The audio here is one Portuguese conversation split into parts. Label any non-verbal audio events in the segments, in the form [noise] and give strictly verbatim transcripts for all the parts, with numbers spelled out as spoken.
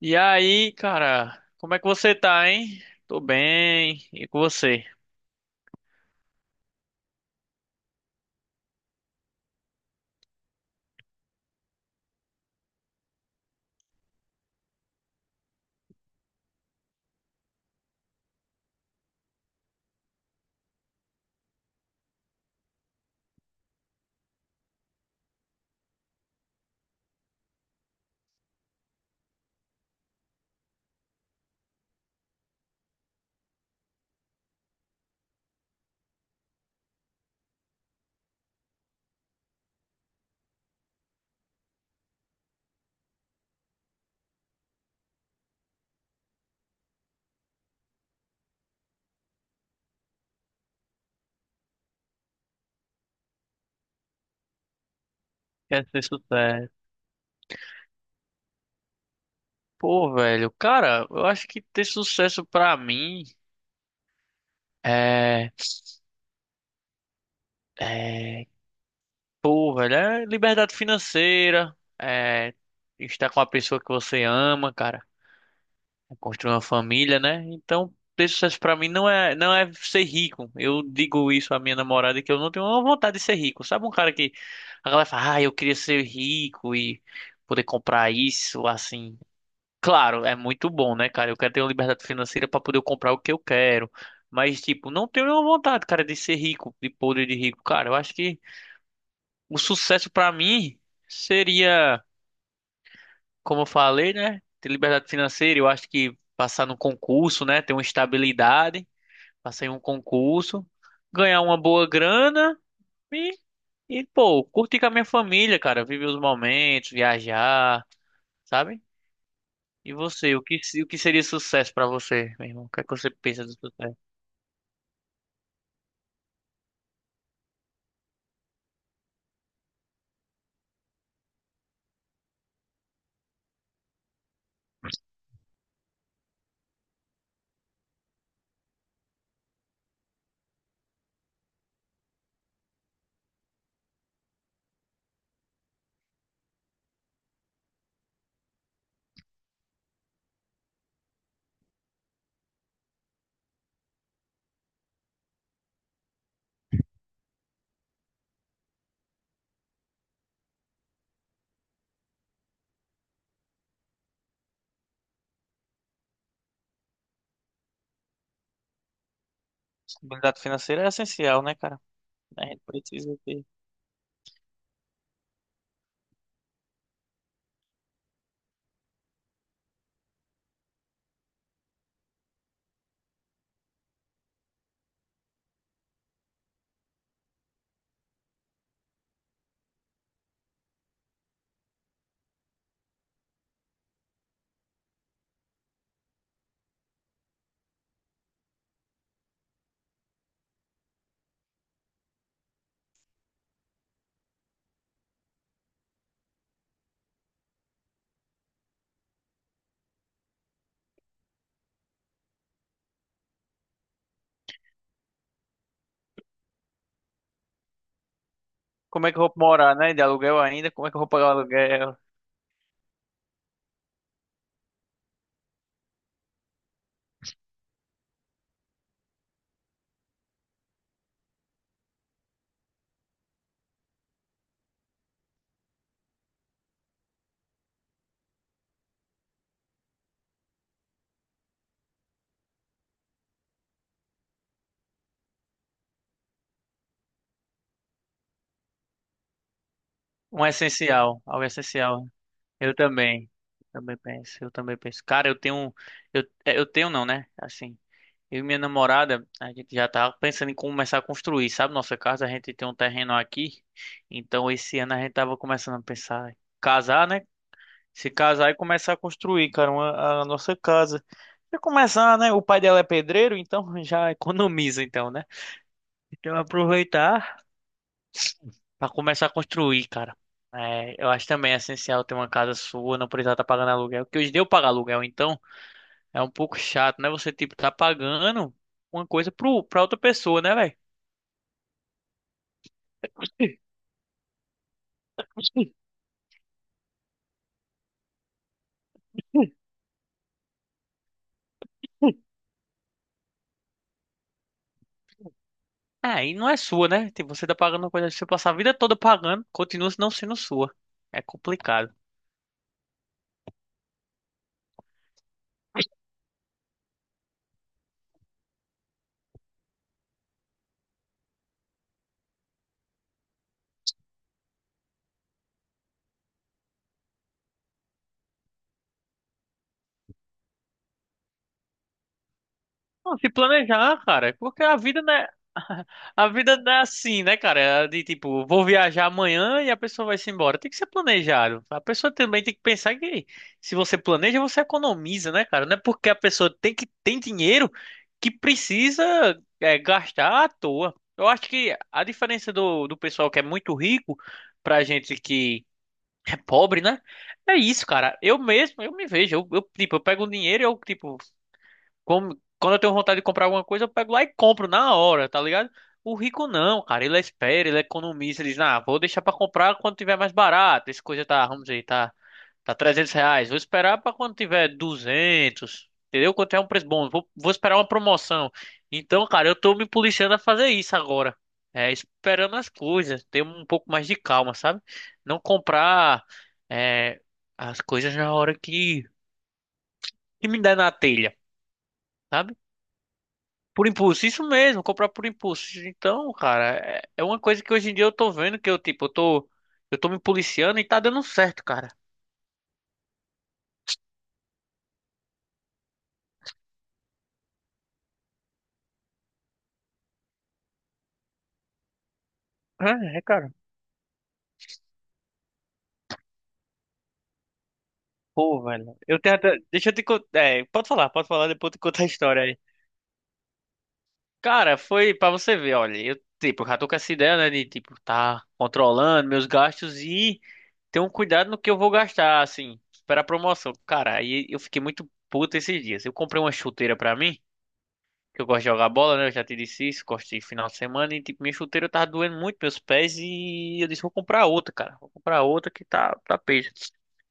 E aí, cara, como é que você tá, hein? Tô bem. E com você? Quer ter sucesso? Pô, velho, cara, eu acho que ter sucesso pra mim é, é, pô, velho, é liberdade financeira, é estar com a pessoa que você ama, cara. Construir uma família, né? Então, pessoas para mim não é não é ser rico. Eu digo isso à minha namorada que eu não tenho uma vontade de ser rico. Sabe um cara que a galera fala, ah, eu queria ser rico e poder comprar isso, assim. Claro, é muito bom, né, cara? Eu quero ter uma liberdade financeira para poder comprar o que eu quero. Mas, tipo, não tenho nenhuma vontade, cara, de ser rico, de poder de rico. Cara, eu acho que o sucesso para mim seria como eu falei, né? Ter liberdade financeira, eu acho que passar no concurso, né? Ter uma estabilidade, passar em um concurso, ganhar uma boa grana e, e pô, curtir com a minha família, cara, viver os momentos, viajar, sabe? E você, o que, se- o que seria sucesso pra você, meu irmão? O que é que você pensa do sucesso? Estabilidade financeira é essencial, né, cara? A gente precisa ter. Como é que eu vou morar, né? De aluguel ainda? Como é que eu vou pagar o aluguel? Um essencial, algo essencial. Eu também. Também penso, eu também penso. Cara, eu tenho, um- eu, é, eu tenho não, né? Assim, eu e minha namorada, a gente já tá pensando em começar a construir, sabe? Nossa casa, a gente tem um terreno aqui. Então esse ano a gente tava começando a pensar em casar, né? Se casar e começar a construir, cara, uma- a nossa casa. E começar, né? O pai dela é pedreiro, então [laughs] já economiza, então, né? Então aproveitar pra começar a construir, cara. É, eu acho também essencial ter uma casa sua, não precisar estar pagando aluguel. Porque hoje deu pagar aluguel, então é um pouco chato, né? Você, tipo, tá pagando uma coisa pro, pra outra pessoa, né, velho? [laughs] É, e não é sua, né? Tipo, você tá pagando uma coisa que você passar a vida toda pagando, continua não sendo sua. É complicado. Não, se planejar, cara, porque a vida não é. [laughs] A vida não é assim, né, cara? É, de tipo, vou viajar amanhã e a pessoa vai se embora. Tem que ser planejado. A pessoa também tem que pensar que se você planeja, você economiza, né, cara? Não é porque a pessoa tem que tem dinheiro que precisa é, gastar à toa. Eu acho que a diferença do, do pessoal que é muito rico pra gente que é pobre, né? É isso, cara. Eu mesmo, eu me vejo, eu, eu, tipo, eu pego o dinheiro, eu tipo como- quando eu tenho vontade de comprar alguma coisa, eu pego lá e compro na hora, tá ligado? O rico não, cara, ele espera, ele economiza, ele diz, ah, vou deixar pra comprar quando tiver mais barato. Essa coisa tá, vamos dizer, tá, tá trezentos reais. Vou esperar pra quando tiver duzentos, entendeu? Quando tiver um preço bom, vou, vou esperar uma promoção. Então, cara, eu tô me policiando a fazer isso agora. É, esperando as coisas, ter um pouco mais de calma, sabe? Não comprar, é, as coisas na hora que, que me der na telha. Sabe? Por impulso, isso mesmo, comprar por impulso. Então, cara, é é uma coisa que hoje em dia eu tô vendo que eu, tipo, eu tô, eu tô me policiando e tá dando certo, cara. É, é, cara. Pô, velho. Eu tenho até. Deixa eu te contar. É, pode falar, pode falar, depois eu te contar a história aí. Cara, foi pra você ver, olha. Eu, tipo, já tô com essa ideia, né, de, tipo, tá controlando meus gastos e ter um cuidado no que eu vou gastar, assim, para a promoção. Cara, aí eu fiquei muito puto esses dias. Eu comprei uma chuteira pra mim, que eu gosto de jogar bola, né? Eu já te disse isso, gosto de final de semana e tipo, minha chuteira tava doendo muito meus pés e eu disse, vou comprar outra, cara. Vou comprar outra que tá tá peixe.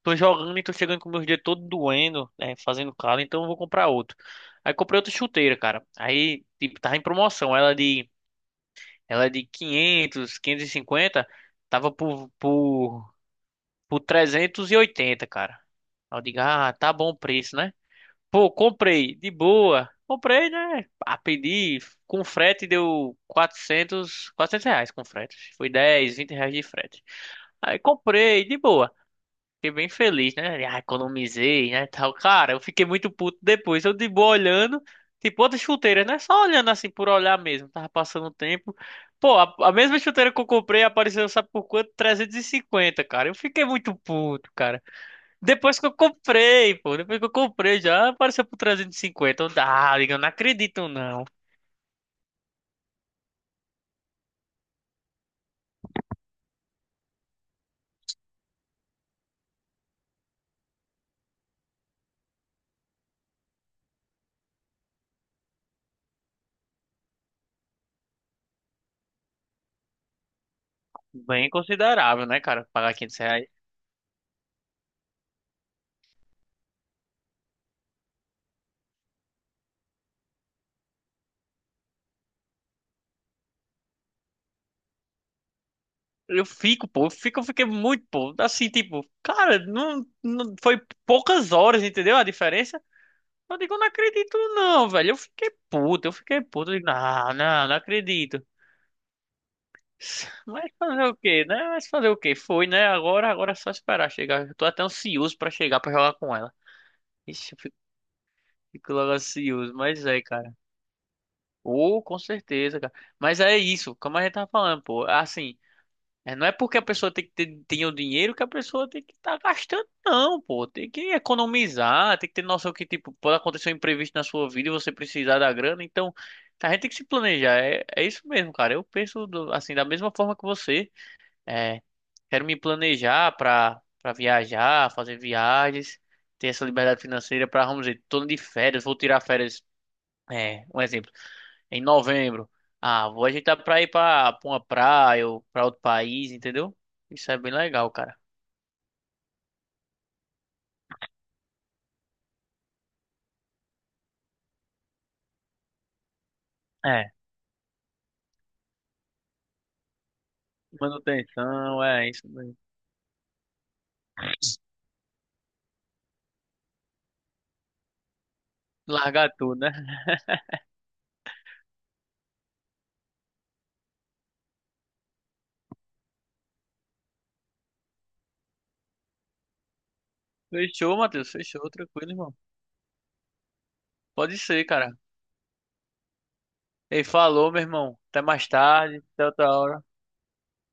Tô jogando e tô chegando com meus dedos todo doendo, né, fazendo calo, então eu vou comprar outro. Aí comprei outra chuteira, cara. Aí, tipo, tava em promoção, ela é de ela é de quinhentos, quinhentos e cinquenta, tava por por por trezentos e oitenta, cara. Aí eu digo, ah, tá bom o preço, né? Pô, comprei, de boa. Comprei, né? Ah, pedi com frete deu quatrocentos, quatrocentos reais com frete. Foi dez, vinte reais de frete. Aí comprei, de boa. Fiquei bem feliz, né? Ah, economizei, né? Tal. Cara, eu fiquei muito puto depois. Eu de boa olhando, tipo outras chuteiras, né? Só olhando assim por olhar mesmo. Tava passando o tempo. Pô, a, a mesma chuteira que eu comprei apareceu, sabe por quanto? Trezentos e cinquenta, cara. Eu fiquei muito puto, cara. Depois que eu comprei, pô. Depois que eu comprei já apareceu por trezentos e cinquenta. Eu, ah, digo, eu não acredito, não. Bem considerável, né, cara? Pagar quinhentos reais. Eu fico, pô. Eu fico, eu fiquei muito, pô. Assim, tipo, cara, não, não foi poucas horas, entendeu? A diferença. Eu digo, eu não acredito, não, velho. Eu fiquei puto, eu fiquei puto. Eu digo, não, não, não acredito. [sighs] Mas fazer o quê, né? Mas fazer o quê? Foi, né? Agora, agora é só esperar chegar. Eu tô até ansioso pra chegar pra jogar com ela. Ixi, eu fico, fico logo ansioso. Mas é, cara. Ou, com certeza, cara. Mas é isso, como a gente tava falando, pô. Assim, é, não é porque a pessoa tem que ter, tem o dinheiro que a pessoa tem que estar gastando, não, pô. Tem que economizar, tem que ter noção que, tipo, pode acontecer um imprevisto na sua vida e você precisar da grana. Então, a gente tem que se planejar. É, é isso mesmo, cara. Eu penso, do- assim, da mesma forma que você. É, quero me planejar pra, pra viajar, fazer viagens, ter essa liberdade financeira pra, vamos dizer, tô de férias, vou tirar férias. É, um exemplo em novembro. Ah, vou ajeitar pra ir pra, pra uma praia ou pra outro país, entendeu? Isso é bem legal, cara. É, manutenção, é isso mesmo. Largar tudo, né? Fechou, Matheus, fechou, tranquilo, irmão. Pode ser, cara. Ele falou, meu irmão. Até mais tarde, até outra hora.